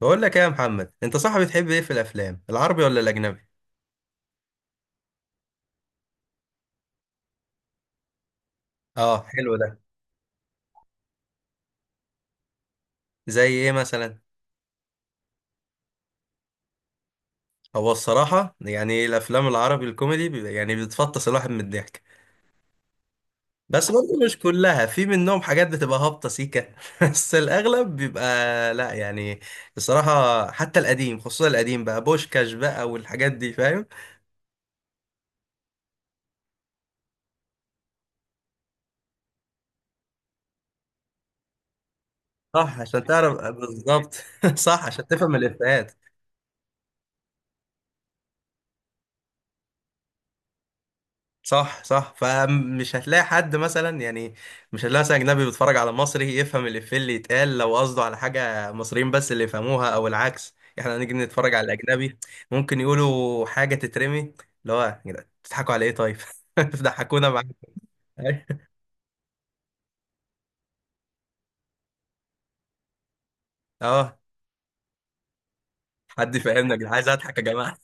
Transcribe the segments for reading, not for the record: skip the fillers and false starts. بقول لك ايه يا محمد، انت صح؟ بتحب ايه في الافلام، العربي ولا الاجنبي؟ اه حلو ده. زي ايه مثلا؟ هو الصراحه يعني الافلام العربي الكوميدي يعني بتفطس الواحد من الضحك. بس برضه مش كلها، في منهم حاجات بتبقى هابطه سيكه. بس الاغلب بيبقى. لا يعني. الصراحه حتى القديم، خصوصا القديم بقى، بوشكاش بقى والحاجات دي فاهم. صح عشان تعرف بالظبط. صح عشان تفهم الافيهات. صح صح، فمش هتلاقي حد مثلا يعني. مش هتلاقي مثلا اجنبي بيتفرج على مصري يفهم الافيه اللي يتقال، لو قصده على حاجه مصريين بس اللي يفهموها، او العكس احنا نيجي نتفرج على الاجنبي ممكن يقولوا حاجه تترمي، اللي هو يا جدعان بتضحكوا على ايه طيب؟ ضحكونا معاك. اه حد يفهمنا يا جدعان، عايز اضحك يا جماعه.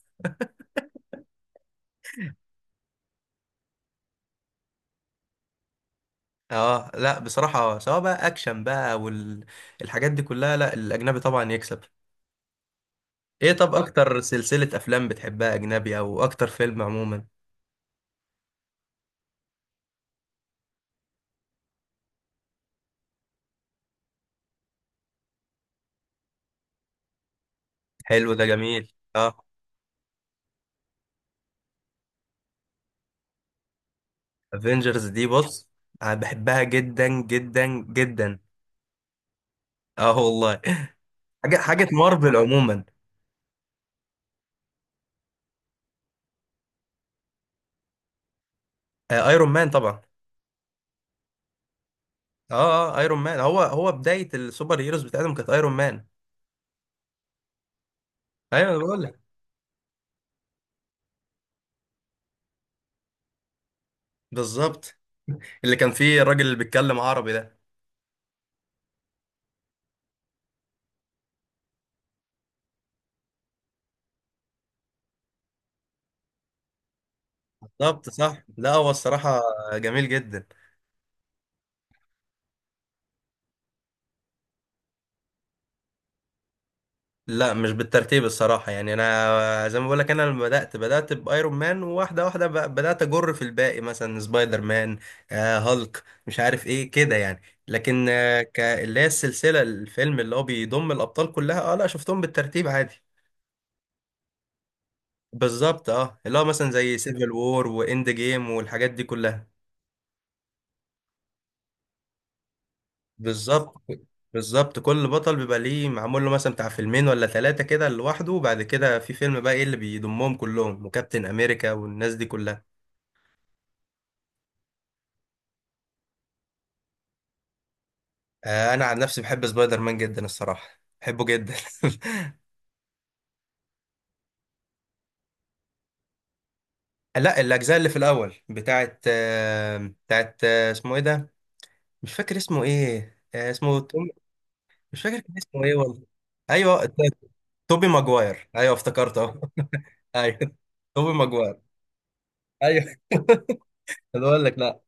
اه لا بصراحه، سواء بقى اكشن بقى والحاجات دي كلها، لا الاجنبي طبعا يكسب. ايه طب اكتر سلسله افلام بتحبها اجنبي، او اكتر فيلم عموما؟ حلو ده جميل اه. افنجرز دي بص، انا بحبها جدا جدا جدا. اه والله. حاجه حاجه مارفل عموما. آه ايرون مان طبعا. اه اه ايرون مان، هو بدايه السوبر هيروز بتاعتهم كانت ايرون مان. ايوه انا بقول لك. بالظبط. اللي كان فيه الراجل اللي بيتكلم عربي ده. بالظبط صح، لا هو الصراحه جميل جدا. لا مش بالترتيب الصراحة، يعني أنا زي ما بقولك أنا لما بدأت، بدأت بأيرون مان وواحدة واحدة بدأت أجر في الباقي، مثلا سبايدر مان. آه هالك مش عارف إيه كده يعني. لكن آه اللي هي السلسلة، الفيلم اللي هو بيضم الأبطال كلها، أه لا شفتهم بالترتيب عادي. بالظبط أه، اللي هو مثلا زي سيفل وور وإند جيم والحاجات دي كلها. بالظبط. بالظبط كل بطل بيبقى ليه معمول له مثلا بتاع فيلمين ولا ثلاثة كده لوحده، وبعد كده في فيلم بقى إيه اللي بيضمهم كلهم وكابتن أمريكا والناس دي كلها. آه، انا عن نفسي بحب سبايدر مان جدا، الصراحه بحبه جدا. لا الاجزاء اللي في الاول بتاعت بتاعت اسمه ايه ده؟ مش فاكر اسمه ايه، اسمه توم. مش فاكر كان اسمه ايه والله. ايوه توبي ماجواير، ايوه افتكرته أهو. ايوه توبي ماجواير. ايوه أنا بقول لك لا.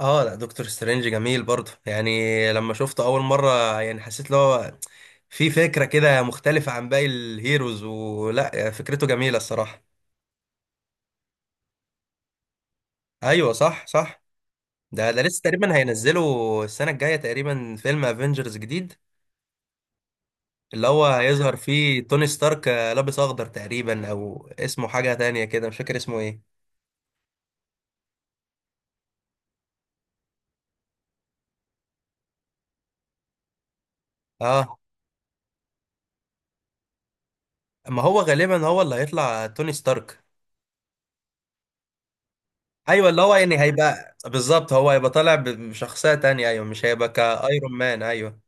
اه لا دكتور سترينج جميل برضه يعني، لما شفته اول مره يعني حسيت اللي هو في فكره كده مختلفه عن باقي الهيروز، ولا فكرته جميله الصراحه. ايوه صح صح. ده لسه تقريبا هينزلوا السنة الجاية تقريبا فيلم افنجرز جديد، اللي هو هيظهر فيه توني ستارك لابس اخضر تقريبا، او اسمه حاجة تانية كده مش فاكر اسمه ايه. اه ما هو غالبا هو اللي هيطلع توني ستارك. ايوه اللي هو يعني هيبقى بالظبط، هو هيبقى طالع بشخصية تانية، ايوه مش هيبقى كايرون مان ايوه.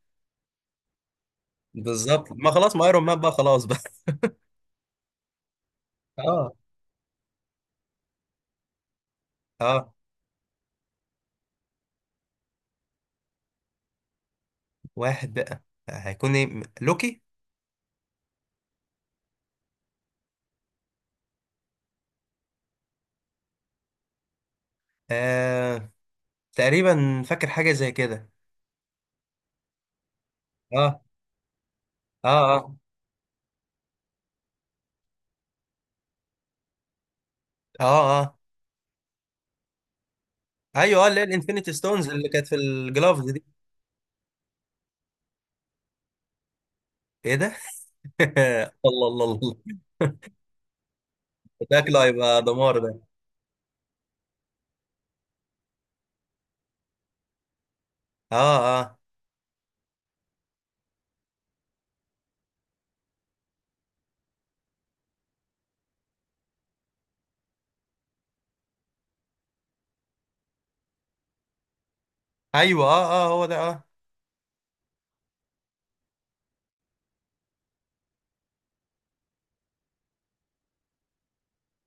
بالظبط، ما خلاص ما ايرون مان بقى خلاص بقى. اه اه. واحد بقى، هيكون ايه لوكي؟ آه تقريبا فاكر حاجة زي كده. اه اه اه اه اه. ايوه اه، اللي هي الانفينيتي ستونز اللي كانت في الجلافز دي. ايه ده؟ الله الله الله. شكله هيبقى دمار ده. اه اه. ايوه اه اه هو ده اه.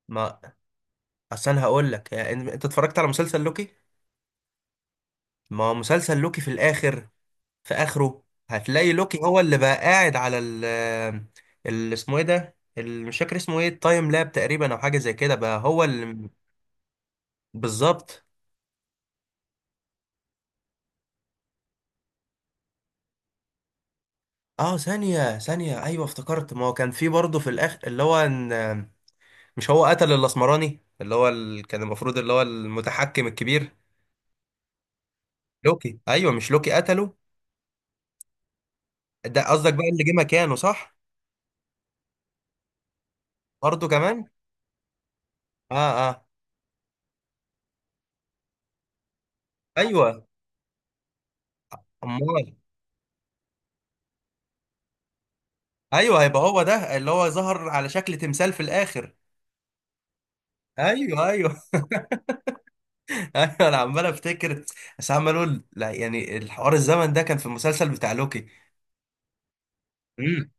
ما اصل انا هقول لك يعني، انت اتفرجت على مسلسل لوكي؟ ما هو مسلسل لوكي في الاخر، في اخره هتلاقي لوكي هو اللي بقى قاعد على ال اسمه ايه ده؟ مش فاكر اسمه ايه، التايم لاب تقريبا او حاجه زي كده، بقى هو اللي. بالظبط. اه ثانيه ثانيه ايوه افتكرت، ما هو كان في برضه في الاخر اللي هو إن، مش هو قتل الاسمراني اللي هو كان المفروض اللي هو المتحكم الكبير؟ لوكي، ايوه مش لوكي قتله. ده قصدك بقى اللي جه مكانه صح. برضه كمان. اه اه ايوه. امال، ايوه هيبقى هو ده اللي هو ظهر على شكل تمثال في الاخر. ايوه ايوه. ايوه انا عمال افتكر، بس عمال اقول لا يعني الحوار الزمن ده كان في المسلسل بتاع لوكي. امم.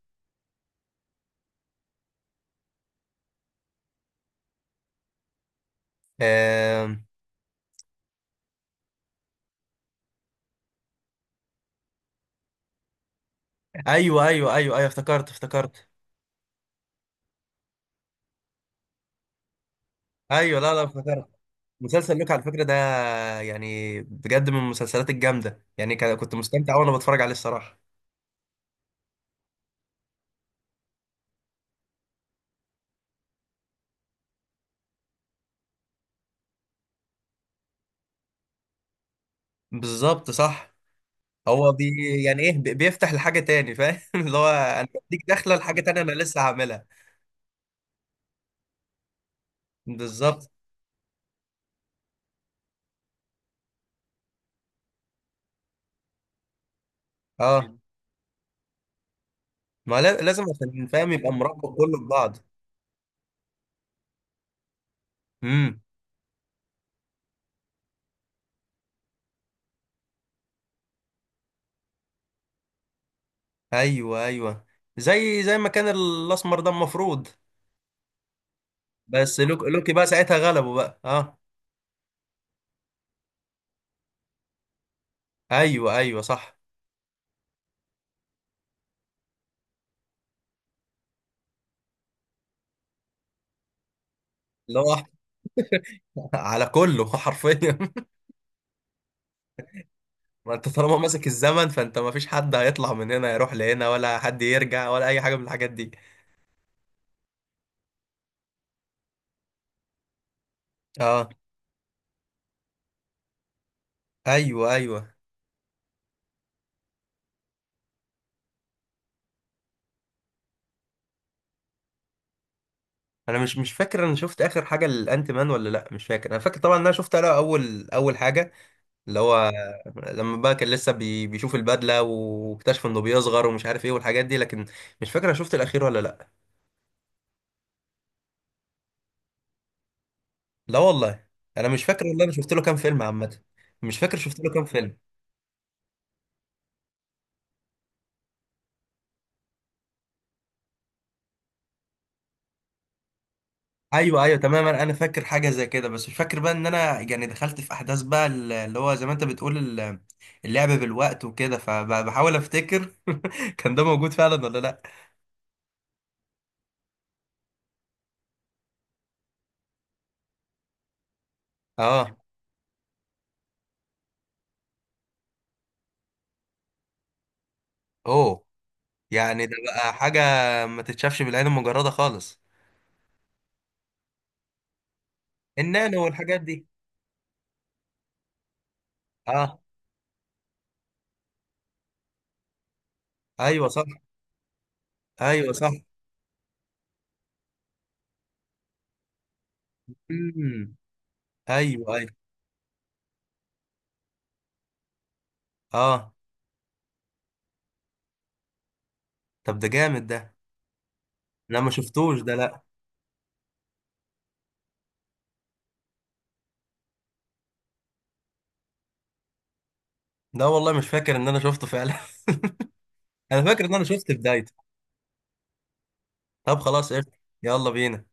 آه... ايوه ايوه ايوه ايوه افتكرت افتكرت. ايوه لا لا افتكرت. مسلسل لوك على فكرة ده يعني بجد من المسلسلات الجامدة يعني كنت مستمتع وانا بتفرج عليه الصراحة. بالظبط صح. هو بي يعني ايه بيفتح لحاجة تاني فاهم. اللي هو انا بديك داخلة لحاجة تانية، انا لسه هعملها. بالظبط. اه ما لازم عشان فاهم يبقى مربط كله ببعض. امم. ايوه ايوه، زي ما كان الاسمر ده المفروض. بس لوكي بقى ساعتها غلبه بقى اه. ايوه ايوه صح. اللي هو على كله حرفيا. ما انت طالما ماسك الزمن، فانت ما فيش حد هيطلع من هنا يروح لهنا، ولا حد يرجع ولا اي حاجه من الحاجات دي. اه ايوه ايوه. انا مش فاكر انا شفت اخر حاجه للانت مان ولا لا، مش فاكر. انا فاكر طبعا ان انا شفت انا اول اول حاجه اللي هو لما بقى كان لسه بيشوف البدله واكتشف انه بيصغر ومش عارف ايه والحاجات دي، لكن مش فاكر انا شفت الاخير ولا لا. لا والله انا مش فاكر والله انا شفت له كام فيلم عامه. مش فاكر شفت له كام فيلم. ايوه ايوه تماما انا فاكر حاجه زي كده، بس مش فاكر بقى ان انا يعني دخلت في احداث بقى اللي هو زي ما انت بتقول اللعب بالوقت وكده، فبحاول افتكر كان ده موجود فعلا ولا لا. اه اوه. يعني ده بقى حاجه ما تتشافش بالعين المجرده خالص. النانو والحاجات دي. اه ايوه صح ايوه صح. امم ايوه ايوه اه. طب ده جامد ده. انا ما شفتوش ده لا. ده والله مش فاكر ان انا شفته فعلا. انا فاكر ان انا شفت بدايته. طب خلاص قشطة. يلا بينا.